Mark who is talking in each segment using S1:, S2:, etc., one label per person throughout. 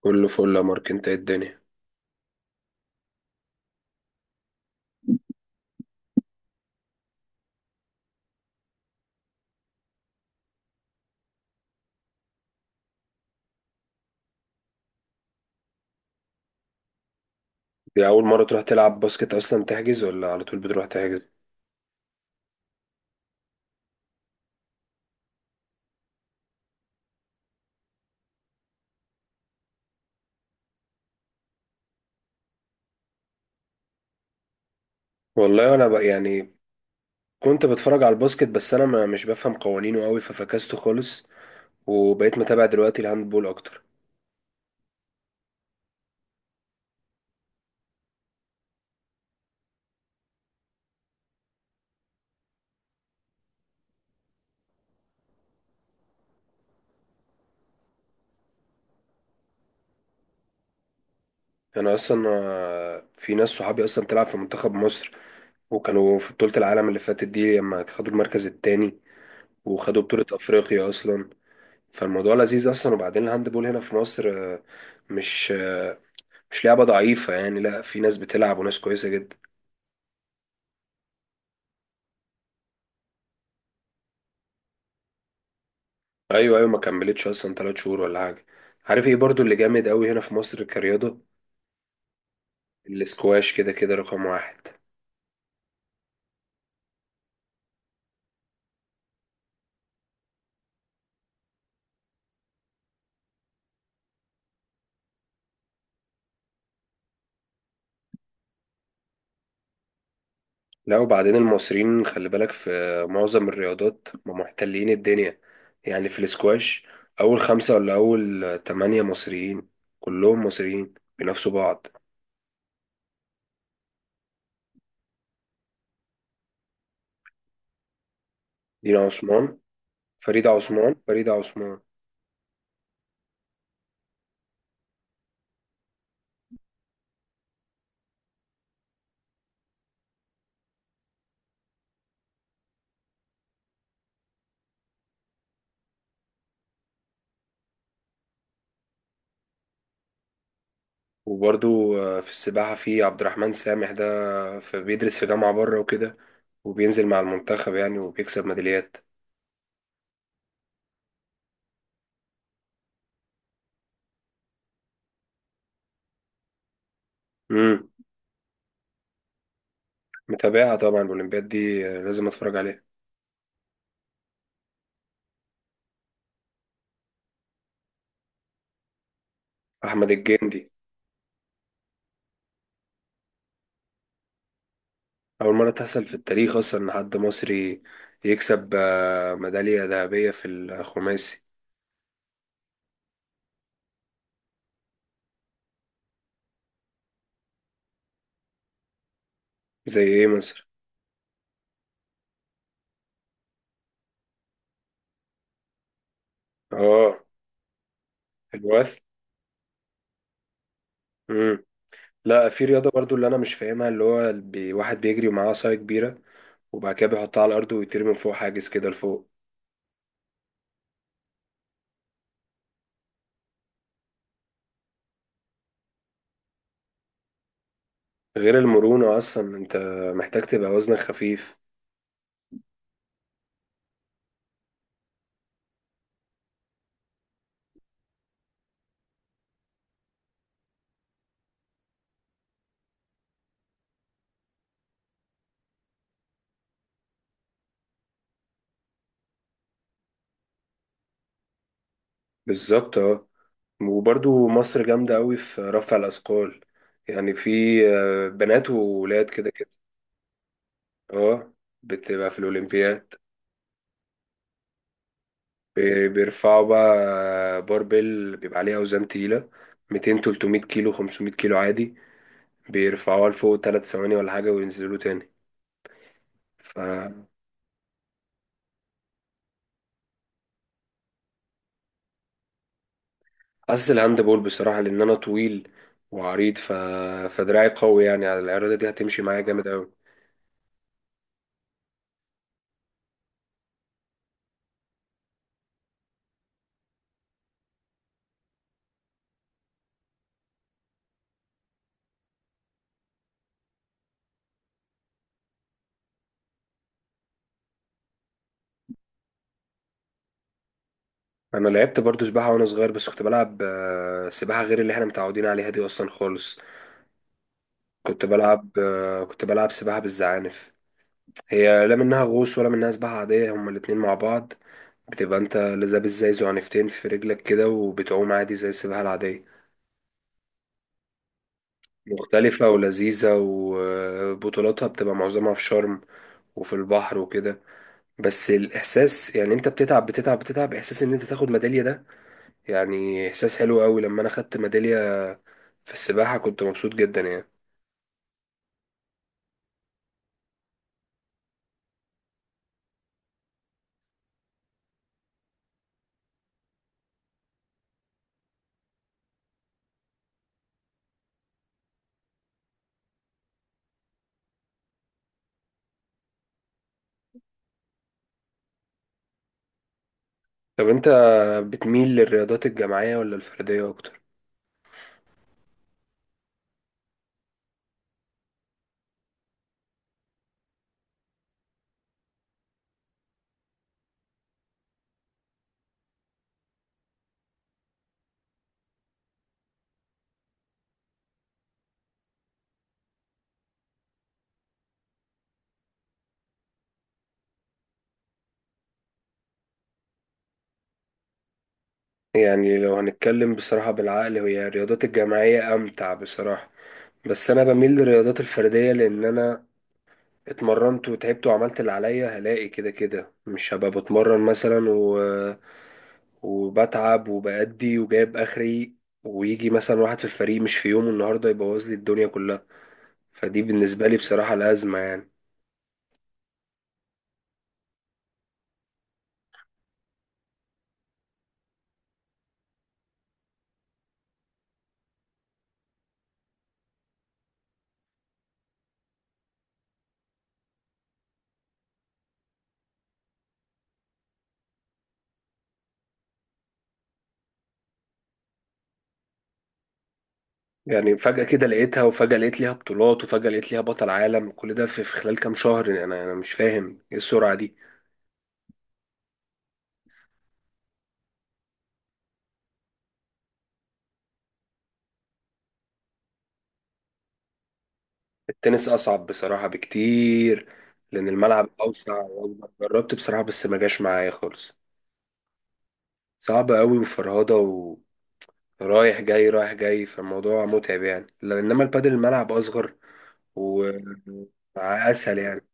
S1: كله فل يا مارك. انت ايه الدنيا؟ دي اول مره تروح تلعب باسكت اصلا تحجز، ولا على طول بتروح تحجز؟ والله انا بقى يعني كنت بتفرج على الباسكت، بس انا ما مش بفهم قوانينه قوي ففكسته خالص، وبقيت متابع دلوقتي الهاندبول اكتر. انا اصلا في ناس صحابي اصلا بتلعب في منتخب مصر، وكانوا في بطوله العالم اللي فاتت دي لما خدوا المركز التاني، وخدوا بطوله افريقيا اصلا. فالموضوع لذيذ اصلا، وبعدين الهاندبول هنا في مصر مش آه، مش لعبه ضعيفه يعني، لا في ناس بتلعب وناس كويسه جدا. ايوه ايوه، ما كملتش اصلا ثلاث شهور ولا حاجه. عارف ايه برضو اللي جامد قوي هنا في مصر كرياضه؟ الاسكواش كده كده رقم واحد. لا وبعدين المصريين خلي بالك في معظم الرياضات ما محتلين الدنيا، يعني في الاسكواش اول خمسه ولا اول تمانية مصريين، كلهم مصريين بينافسوا بعض. دينا عثمان، فريدة عثمان، فريدة عثمان. وبرضو في السباحة في عبد الرحمن سامح ده، في بيدرس في جامعة بره وكده، وبينزل مع المنتخب يعني وبيكسب ميداليات. مم. متابعها طبعا، الأولمبياد دي لازم أتفرج عليها. أحمد الجندي، أول مرة تحصل في التاريخ أصلا إن حد مصري يكسب ميدالية ذهبية في الخماسي. زي إيه مصر؟ آه، الوث. مم. لا، في رياضة برضو اللي أنا مش فاهمها، اللي هو واحد بيجري ومعاه عصاية كبيرة، وبعد كده بيحطها على الأرض ويطير من فوق حاجز كده لفوق. غير المرونة أصلا، أنت محتاج تبقى وزنك خفيف. بالظبط. اه، وبرضو مصر جامدة قوي في رفع الأثقال، يعني في بنات وولاد كده كده. اه بتبقى في الأولمبياد. بيرفعوا بقى باربل بيبقى عليها أوزان تقيلة، 200 300 كيلو 500 كيلو عادي، بيرفعوها لفوق 3 ثواني ولا حاجة وينزلوا تاني. ف حاسس الهاند بول بصراحة، لأن أنا طويل وعريض فدراعي قوي يعني، على العرضة دي هتمشي معايا جامد أوي. انا لعبت برضو سباحه وانا صغير، بس كنت بلعب سباحه غير اللي احنا متعودين عليها دي اصلا خالص. كنت بلعب سباحه بالزعانف. هي لا منها غوص ولا منها سباحه عاديه، هما الاتنين مع بعض. بتبقى انت لابس زي زعنفتين في رجلك كده، وبتعوم عادي زي السباحه العاديه. مختلفه ولذيذه، وبطولاتها بتبقى معظمها في شرم وفي البحر وكده. بس الاحساس يعني، انت بتتعب بتتعب بتتعب، احساس ان انت تاخد ميداليه ده، يعني احساس حلو قوي. لما انا خدت ميدالية في السباحة كنت مبسوط جدا يعني. طب انت بتميل للرياضات الجماعية ولا الفردية اكتر؟ يعني لو هنتكلم بصراحة بالعقل، هي الرياضات الجماعية امتع بصراحة، بس انا بميل للرياضات الفردية لان انا اتمرنت وتعبت وعملت اللي عليا، هلاقي كده كده مش هبقى بتمرن مثلا وبتعب وبأدي وجايب اخري، ويجي مثلا واحد في الفريق مش في يومه النهارده يبوظ لي الدنيا كلها. فدي بالنسبة لي بصراحة الأزمة يعني. يعني فجأة كده لقيتها، وفجأة لقيت ليها بطولات، وفجأة لقيت ليها بطل عالم، كل ده في خلال كام شهر، يعني أنا مش فاهم إيه السرعة دي. التنس أصعب بصراحة بكتير، لأن الملعب أوسع وأكبر. جربت بصراحة بس ما جاش معايا خالص. صعبة قوي وفرهضة، ورايح جاي رايح جاي، فالموضوع متعب يعني. إنما البادل الملعب أصغر وأسهل يعني.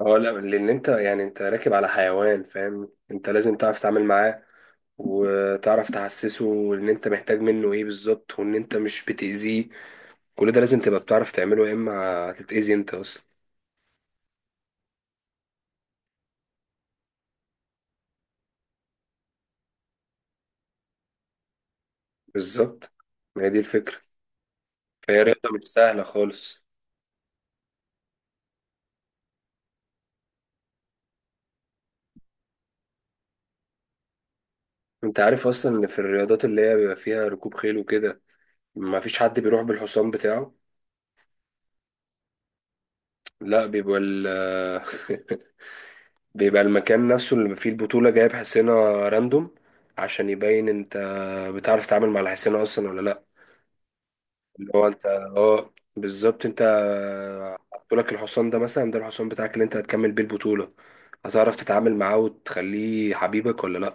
S1: اه لا، لأن أنت يعني أنت راكب على حيوان فاهم، أنت لازم تعرف تتعامل معاه، وتعرف تحسسه ان انت محتاج منه ايه بالظبط، وان انت مش بتأذيه. كل ده لازم تبقى بتعرف تعمله، يا اما هتتأذي انت اصلا. بالظبط، ما هي دي الفكرة. فهي رياضة مش سهلة خالص. انت عارف اصلا ان في الرياضات اللي هي بيبقى فيها ركوب خيل وكده، ما فيش حد بيروح بالحصان بتاعه؟ لا، بيبقى ال بيبقى المكان نفسه اللي فيه البطولة جايب حصينة راندوم، عشان يبين انت بتعرف تتعامل مع الحصينة اصلا ولا لا. اللي هو انت، اه بالظبط، انت حطولك الحصان ده مثلا، ده الحصان بتاعك اللي انت هتكمل بيه البطولة، هتعرف تتعامل معاه وتخليه حبيبك ولا لا.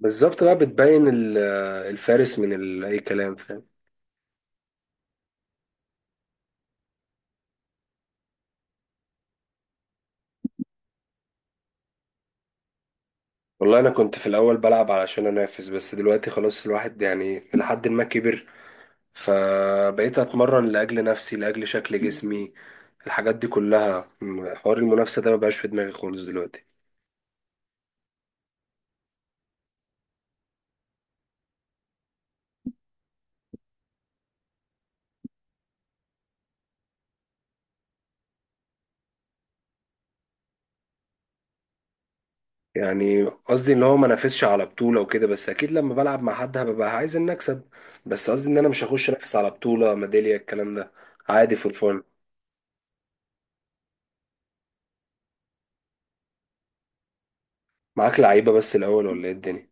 S1: بالظبط، بقى بتبين الفارس من اي كلام فاهم. والله انا كنت في الاول بلعب علشان انافس، بس دلوقتي خلاص، الواحد يعني لحد ما كبر، فبقيت اتمرن لاجل نفسي لاجل شكل جسمي، الحاجات دي كلها، حوار المنافسة ده مبقاش في دماغي خالص دلوقتي. يعني قصدي ان هو ما نافسش على بطولة وكده، بس اكيد لما بلعب مع حد هبقى عايز ان اكسب، بس قصدي ان انا مش هخش انافس على بطولة ميدالية الكلام ده. عادي، فور فن. معاك، لعيبة بس الاول ولا ايه الدنيا؟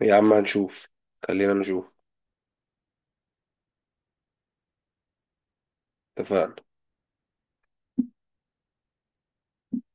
S1: يا عم هنشوف، خلينا نشوف. اتفقنا.